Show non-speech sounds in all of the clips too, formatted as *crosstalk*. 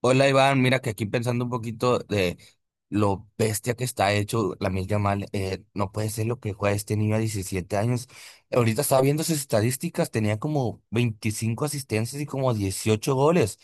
Hola Iván, mira que aquí pensando un poquito de lo bestia que está hecho la Yamal, no puede ser lo que juega este niño a 17 años. Ahorita estaba viendo sus estadísticas, tenía como 25 asistencias y como 18 goles.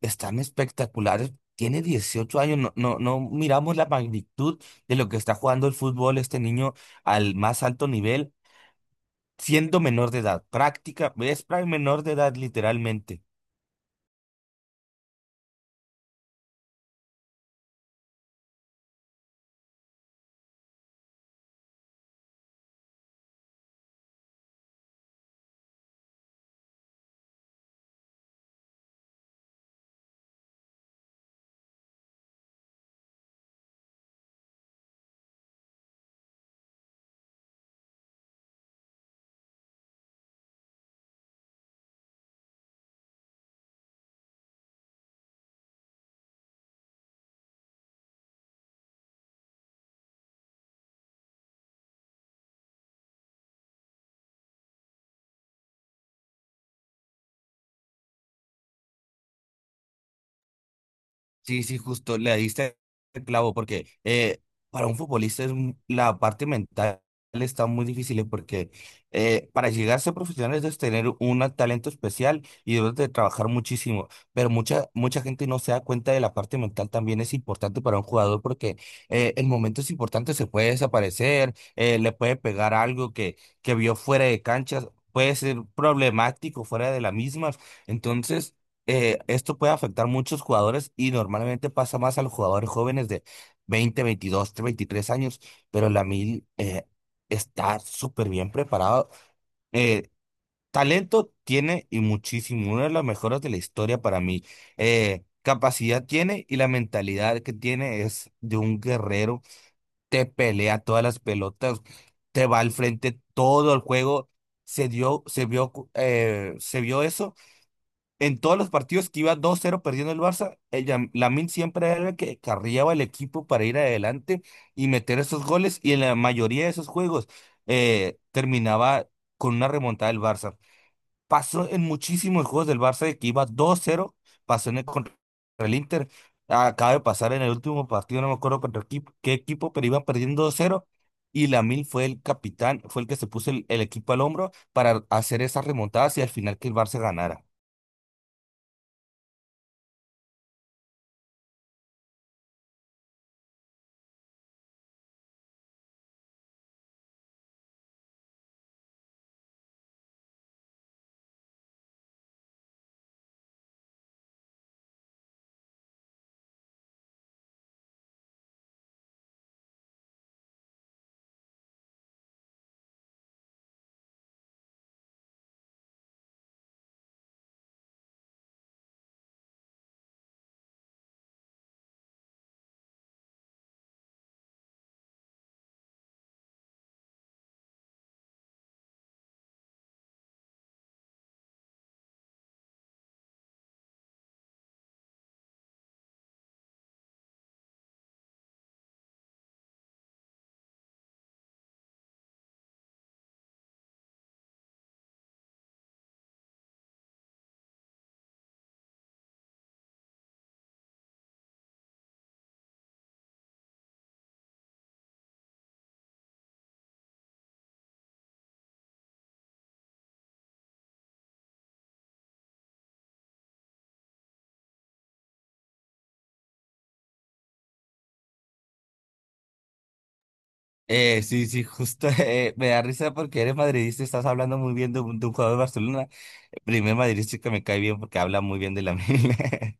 Están espectaculares. Tiene 18 años, no, no, no miramos la magnitud de lo que está jugando el fútbol este niño al más alto nivel, siendo menor de edad, práctica, menor de edad literalmente. Sí, sí, justo le diste el clavo, porque para un futbolista la parte mental está muy difícil, porque para llegar a ser profesional es tener un talento especial y debes de trabajar muchísimo, pero mucha gente no se da cuenta de la parte mental también es importante para un jugador, porque en momentos importantes se puede desaparecer, le puede pegar algo que vio fuera de canchas, puede ser problemático fuera de la misma, entonces esto puede afectar a muchos jugadores y normalmente pasa más a los jugadores jóvenes de 20, 22, 23 años, pero Lamil está súper bien preparado. Eh, talento tiene y muchísimo, una de las mejores de la historia para mí. Capacidad tiene y la mentalidad que tiene es de un guerrero. Te pelea todas las pelotas, te va al frente todo el juego. Se vio eso en todos los partidos que iba 2-0 perdiendo el Barça, Lamine siempre era el que carriaba el equipo para ir adelante y meter esos goles. Y en la mayoría de esos juegos terminaba con una remontada del Barça. Pasó en muchísimos juegos del Barça de que iba 2-0, pasó en el contra el Inter. Acaba de pasar en el último partido, no me acuerdo contra qué equipo, pero iban perdiendo 2-0. Y Lamine fue el capitán, fue el que se puso el equipo al hombro para hacer esas remontadas y al final que el Barça ganara. Sí, sí, justo *laughs* me da risa porque eres madridista y estás hablando muy bien de de un jugador de Barcelona. El primer madridista que me cae bien porque habla muy bien de la *laughs* Lamine.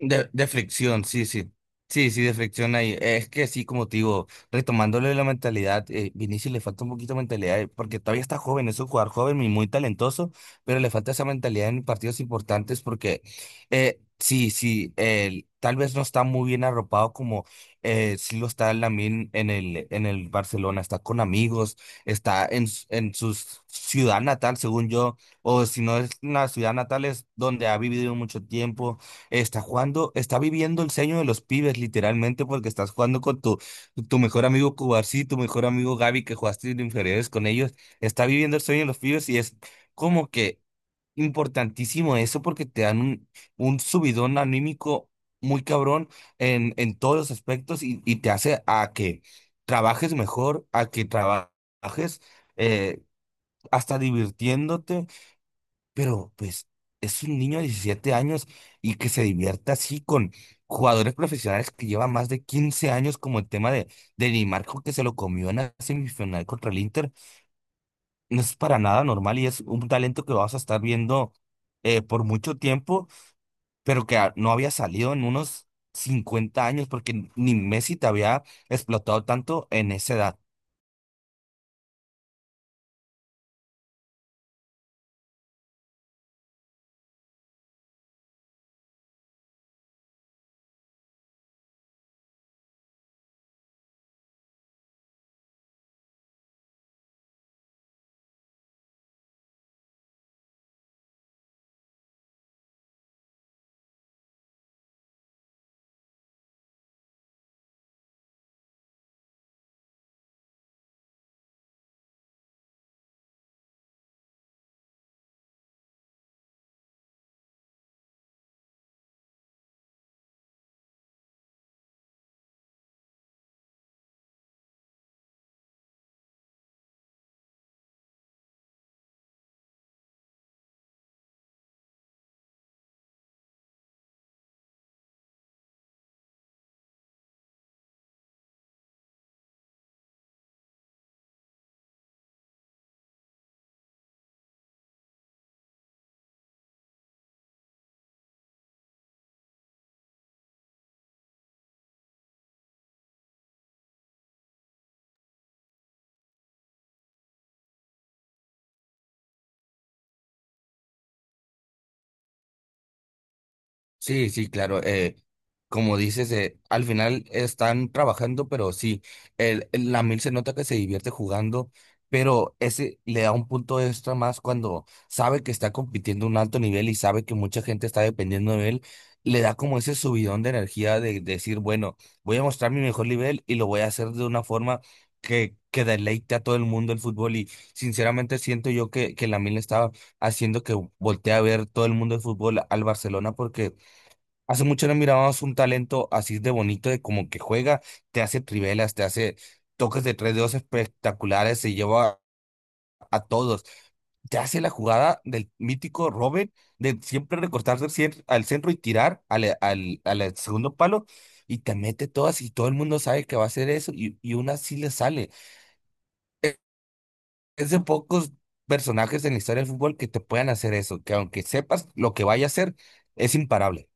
De fricción, sí, sí. Sí, sí, de fricción ahí. Es que sí, como te digo, retomándole la mentalidad, Vinicius le falta un poquito de mentalidad, porque todavía está joven, es un jugador joven y muy talentoso, pero le falta esa mentalidad en partidos importantes porque sí, sí, él tal vez no está muy bien arropado como sí lo está Lamine en en el Barcelona, está con amigos, está en su ciudad natal, según yo, o si no es una ciudad natal, es donde ha vivido mucho tiempo. Está jugando, está viviendo el sueño de los pibes, literalmente, porque estás jugando con tu mejor amigo Cubarsí, tu mejor amigo Gaby, que jugaste en inferiores con ellos. Está viviendo el sueño de los pibes y es como que importantísimo eso porque te dan un subidón anímico muy cabrón en todos los aspectos y te hace a que trabajes mejor, a que trabajes eh, hasta divirtiéndote pero pues es un niño de 17 años y que se divierta así con jugadores profesionales que llevan más de 15 años, como el tema de Di Marco que se lo comió en la semifinal contra el Inter, no es para nada normal y es un talento que vas a estar viendo por mucho tiempo, pero no había salido en unos 50 años porque ni Messi te había explotado tanto en esa edad. Sí, sí, claro. Como dices, al final están trabajando, pero sí, la se nota que se divierte jugando, pero ese le da un punto extra más cuando sabe que está compitiendo a un alto nivel y sabe que mucha gente está dependiendo de él. Le da como ese subidón de energía de, decir, bueno, voy a mostrar mi mejor nivel y lo voy a hacer de una forma que deleite a todo el mundo el fútbol. Y sinceramente siento yo que mil estaba haciendo que voltee a ver todo el mundo el fútbol al Barcelona porque hace mucho no mirábamos un talento así de bonito, de como que juega, te hace trivelas, te hace toques de tres dedos espectaculares, se lleva a todos, te hace la jugada del mítico Robert, de siempre recortarse al centro y tirar al segundo palo, y te mete todas y todo el mundo sabe que va a hacer eso, y una sí le sale. E- Es, de pocos personajes en la historia del fútbol que te puedan hacer eso, que aunque sepas lo que vaya a hacer, es imparable.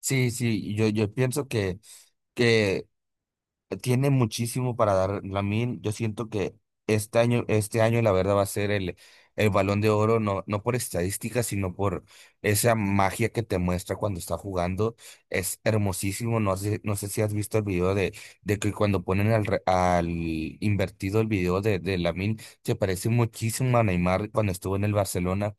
Sí, sí, yo pienso que... Tiene muchísimo para dar Lamine. Yo siento que este año la verdad va a ser el Balón de Oro, no, no por estadística, sino por esa magia que te muestra cuando está jugando. Es hermosísimo. No sé, no sé si has visto el video de que cuando ponen al, al invertido el video de Lamine, se parece muchísimo a Neymar cuando estuvo en el Barcelona.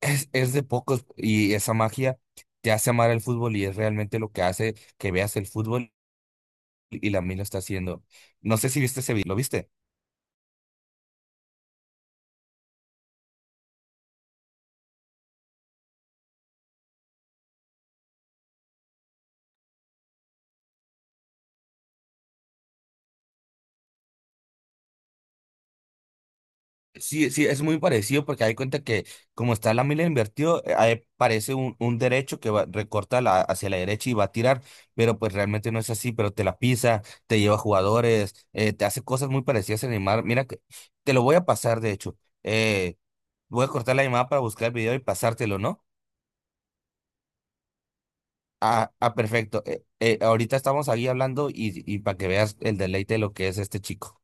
Es de pocos y esa magia. Te hace amar el fútbol y es realmente lo que hace que veas el fútbol y la mil lo está haciendo. No sé si viste ese video, ¿lo viste? Sí, sí, es muy parecido porque hay cuenta que como está la mila invertido, ahí parece un derecho que va, recorta hacia la derecha y va a tirar, pero pues realmente no es así, pero te la pisa, te lleva jugadores, te hace cosas muy parecidas a Neymar. Mira que te lo voy a pasar, de hecho. Eh, voy a cortar la llamada para buscar el video y pasártelo, ¿no? Ah, ah, perfecto. Ahorita estamos ahí hablando y para que veas el deleite de lo que es este chico.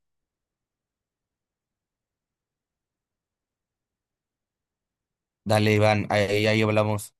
Dale, Iván, ahí hablamos.